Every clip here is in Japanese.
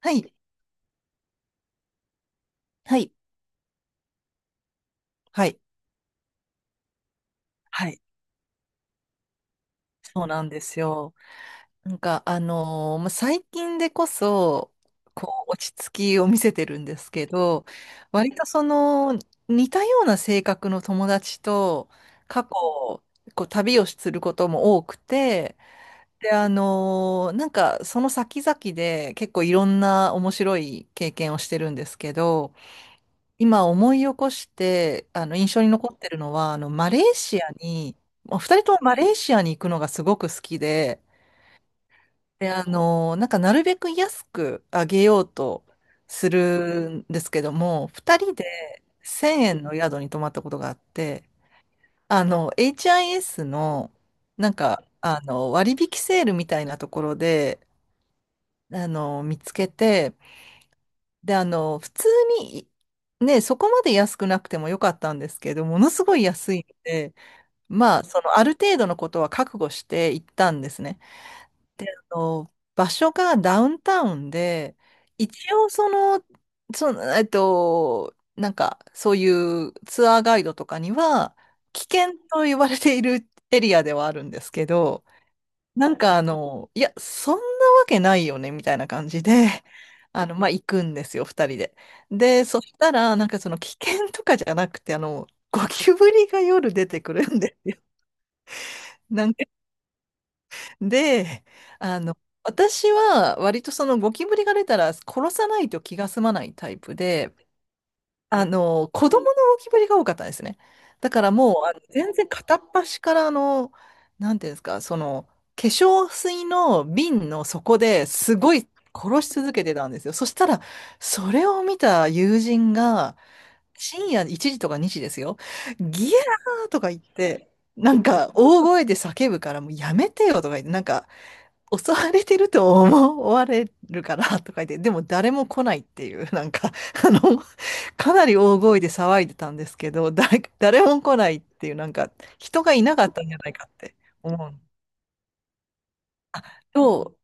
はい、はい、はい。はい。そうなんですよ。なんか、まあ、最近でこそ、こう、落ち着きを見せてるんですけど、割とその、似たような性格の友達と、過去、こう、旅をすることも多くて、で、なんか、その先々で結構いろんな面白い経験をしてるんですけど、今思い起こして、あの、印象に残ってるのは、あの、マレーシアに、まあ二人ともマレーシアに行くのがすごく好きで、で、あの、なんかなるべく安くあげようとするんですけども、二人で1000円の宿に泊まったことがあって、あの、HIS の、なんか、あの、割引セールみたいなところで、あの、見つけて、で、あの、普通に、ね、そこまで安くなくてもよかったんですけど、ものすごい安いので、まあ、その、ある程度のことは覚悟して行ったんですね。で、あの、場所がダウンタウンで、一応その、なんか、そういうツアーガイドとかには、危険と言われているエリアではあるんですけど、なんかあの、いや、そんなわけないよね、みたいな感じで、あの、まあ、行くんですよ、二人で。で、そしたら、なんかその危険とかじゃなくて、あの、ゴキブリが夜出てくるんですよ。なんか、で、あの、私は割とそのゴキブリが出たら殺さないと気が済まないタイプで、あの、子供の浮き彫りが多かったですね。だからもう、あの全然片っ端からあの、なんていうんですか、その、化粧水の瓶の底ですごい殺し続けてたんですよ。そしたら、それを見た友人が、深夜1時とか2時ですよ。ギャーとか言って、なんか大声で叫ぶからもうやめてよとか言って、なんか襲われてると思われるからとか言って、でも誰も来ないっていう、なんか、あの、かなり大声で騒いでたんですけど、誰も来ないっていう、なんか、人がいなかったんじゃないかって思う。あ、そう、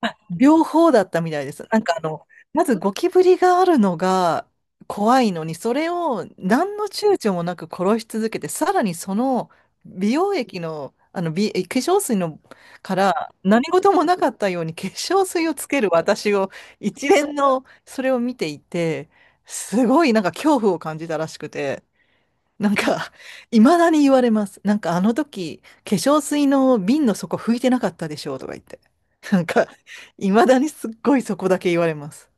あ、両方だったみたいです。なんかあの、まずゴキブリがあるのが怖いのに、それを何の躊躇もなく殺し続けて、さらにその美容液の、あの美、化粧水のから何事もなかったように化粧水をつける私を、一連のそれを見ていて、すごいなんか恐怖を感じたらしくて。なんか、いまだに言われます。なんか、あの時、化粧水の瓶の底拭いてなかったでしょうとか言って。なんか、いまだにすっごいそこだけ言われます。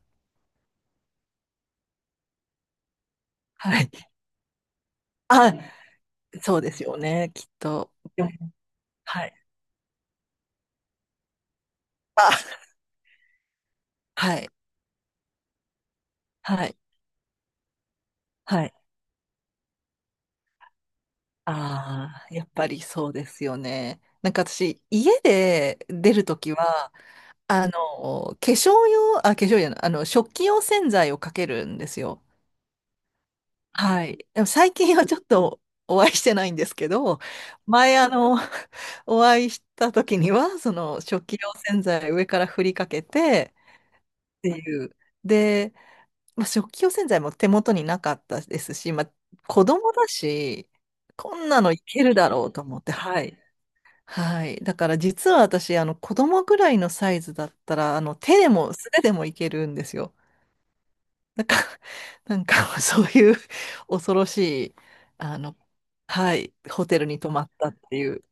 はい。あ、そうですよね、きっと。でも、はい。あ、はい。はい。はい。ああ、やっぱりそうですよね。なんか私、家で出るときは、あの、化粧用、あ、化粧用、あの、食器用洗剤をかけるんですよ。はい。でも最近はちょっとお会いしてないんですけど、前あの、お会いした時には、その食器用洗剤上から振りかけてっていう。で、まあ、食器用洗剤も手元になかったですし、まあ、子供だし、こんなのいけるだろうと思って、はい。はい。だから実は私、あの子供ぐらいのサイズだったら、あの手でも素手でもいけるんですよ。なんか、なんか そういう恐ろしい、あの、はい、ホテルに泊まったっていう、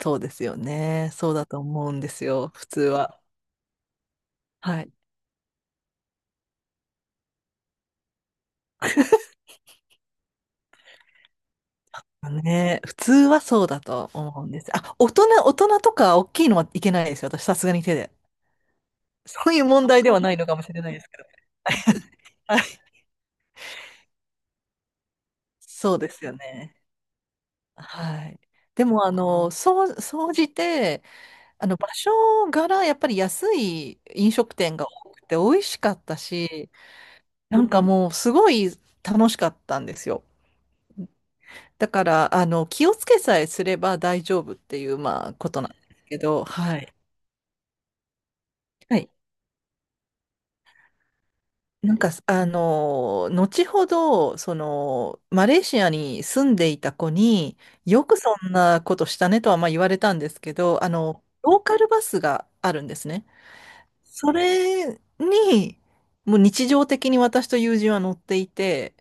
そうですよね。そうだと思うんですよ、普通は。はい。ね、普通はそうだと思うんです。あ、大人とか大きいのはいけないですよ。私、さすがに手で。そういう問題ではないのかもしれないですけど。はい。そうですよね。はい。でも、あの、そう、総じて、あの場所柄やっぱり安い飲食店が多くて美味しかったし、なんかもうすごい楽しかったんですよ。だからあの気をつけさえすれば大丈夫っていうまあことなんですけど、はい。はい。なんかあの後ほどそのマレーシアに住んでいた子によくそんなことしたねとはまあ言われたんですけど、あのローカルバスがあるんですね。それに、もう日常的に私と友人は乗っていて、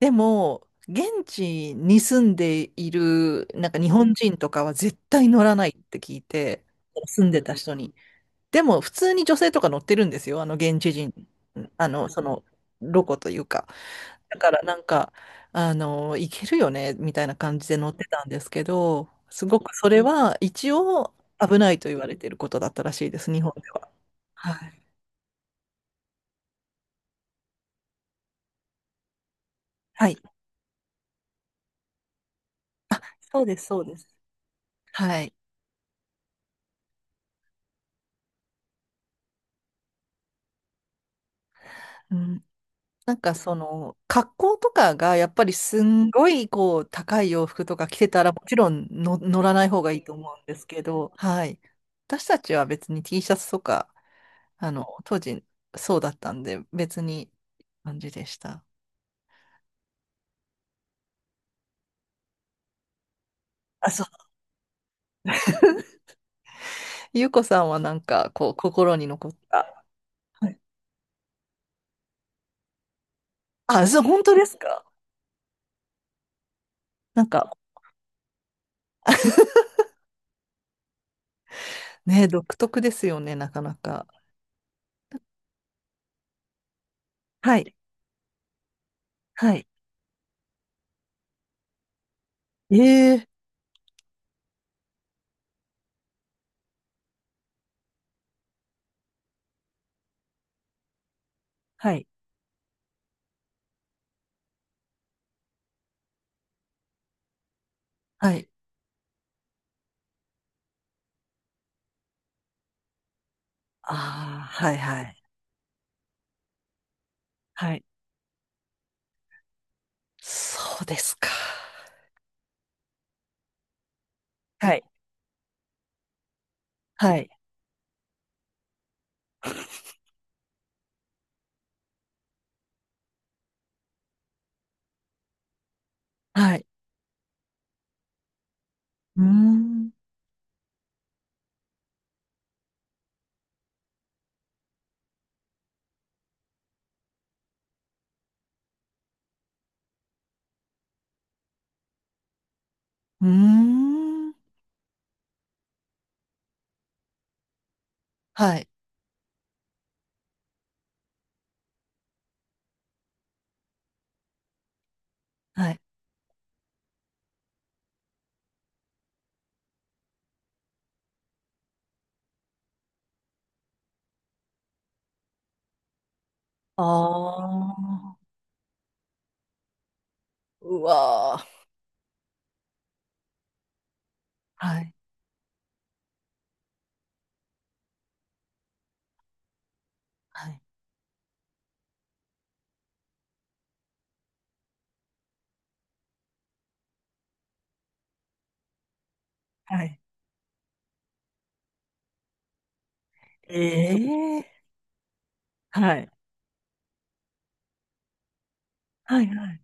でも、現地に住んでいる、なんか日本人とかは絶対乗らないって聞いて、住んでた人に。でも、普通に女性とか乗ってるんですよ、あの現地人、あの、その、ロコというか。だからなんか、あの、いけるよね、みたいな感じで乗ってたんですけど、すごくそれは一応危ないと言われていることだったらしいです、日本では。はい。はい、あ、そうです、そうです。はい。うん、なんかその、格好とかがやっぱりすんごいこう、高い洋服とか着てたらもちろんの乗らない方がいいと思うんですけど、はい。私たちは別に T シャツとか、あの、当時そうだったんで、別に感じでした。あ、そう。ゆうこさんはなんかこう、心に残った。はい。あ、そう、本当ですか？なんか、ね、独特ですよね、なかなか。はい。はい。ええ、はい。はい。ああ、はいはい。はい。そうですか。はい。はい。はい。うーん。うーん。はい。はい。ああ。うわー。はい。はい。はい。ええ、はい。はいはい。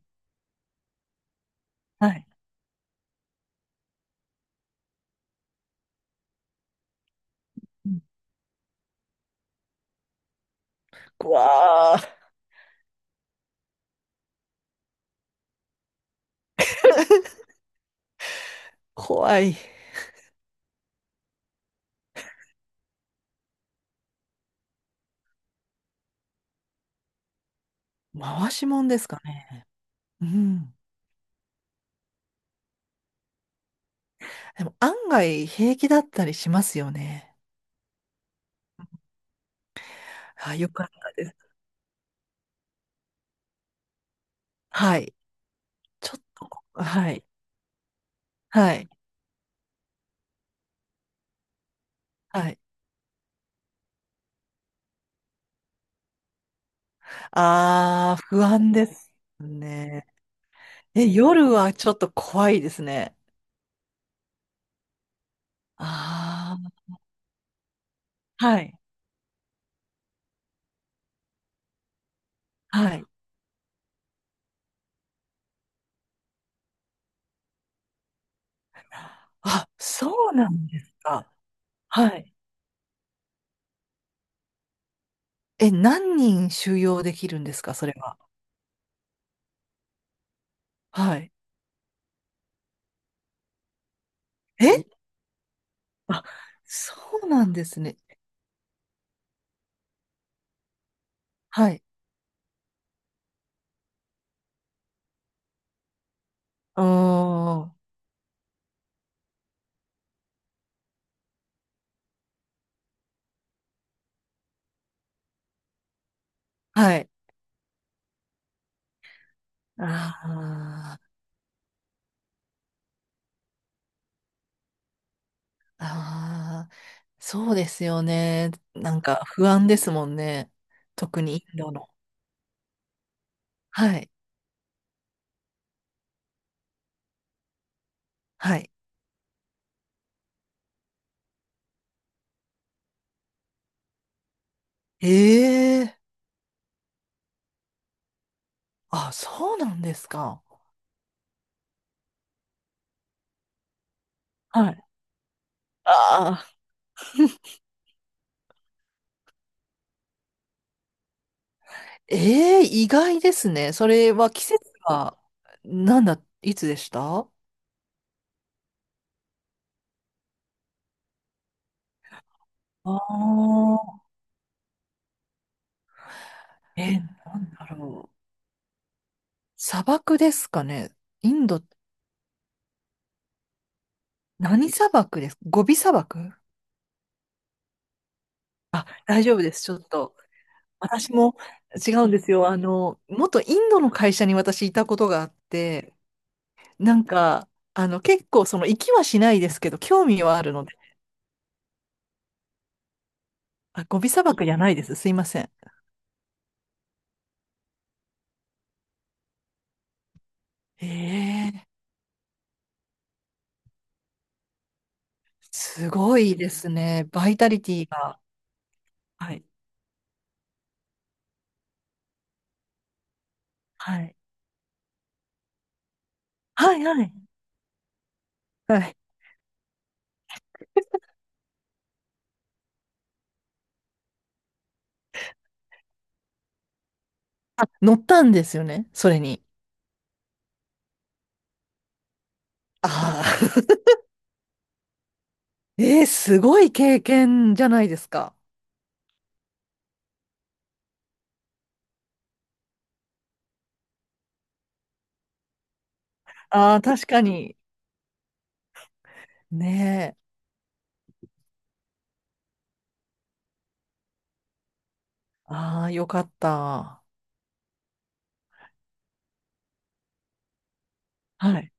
はい。うん。うわー、怖い。回しもんですかね。うん。でも案外平気だったりしますよね。あ、よかったです。はい。ちょっと、はい。はい。はい。ああ、不安ですね。え、夜はちょっと怖いですね。ああ、はい、はい。あ、そうなんですか。はい。え、何人収容できるんですか、それは。はい。え、あ、そうなんですね。はい。うーん。はい。ああ、ああ、そうですよね。なんか不安ですもんね。特にインドの。はい。はい。ええ、あ、そうなんですか。はい。ああ、ええ、意外ですね。それは季節は、なんだ、いつでした？ああ、え、なんだろう。砂漠ですかね。インド、何砂漠です？ゴビ砂漠？大丈夫です。ちょっと、私も違うんですよ。あの、元インドの会社に私いたことがあって、なんか、あの、結構その、行きはしないですけど、興味はあるので、あ、ゴビ砂漠じゃないです。すいません。ええ、すごいですね。バイタリティが。はい。はい。はいはい。はい。乗ったんですよね、それに。ああ。えー、すごい経験じゃないですか。ああ、確かに。ねえ。ああ、よかった。はい。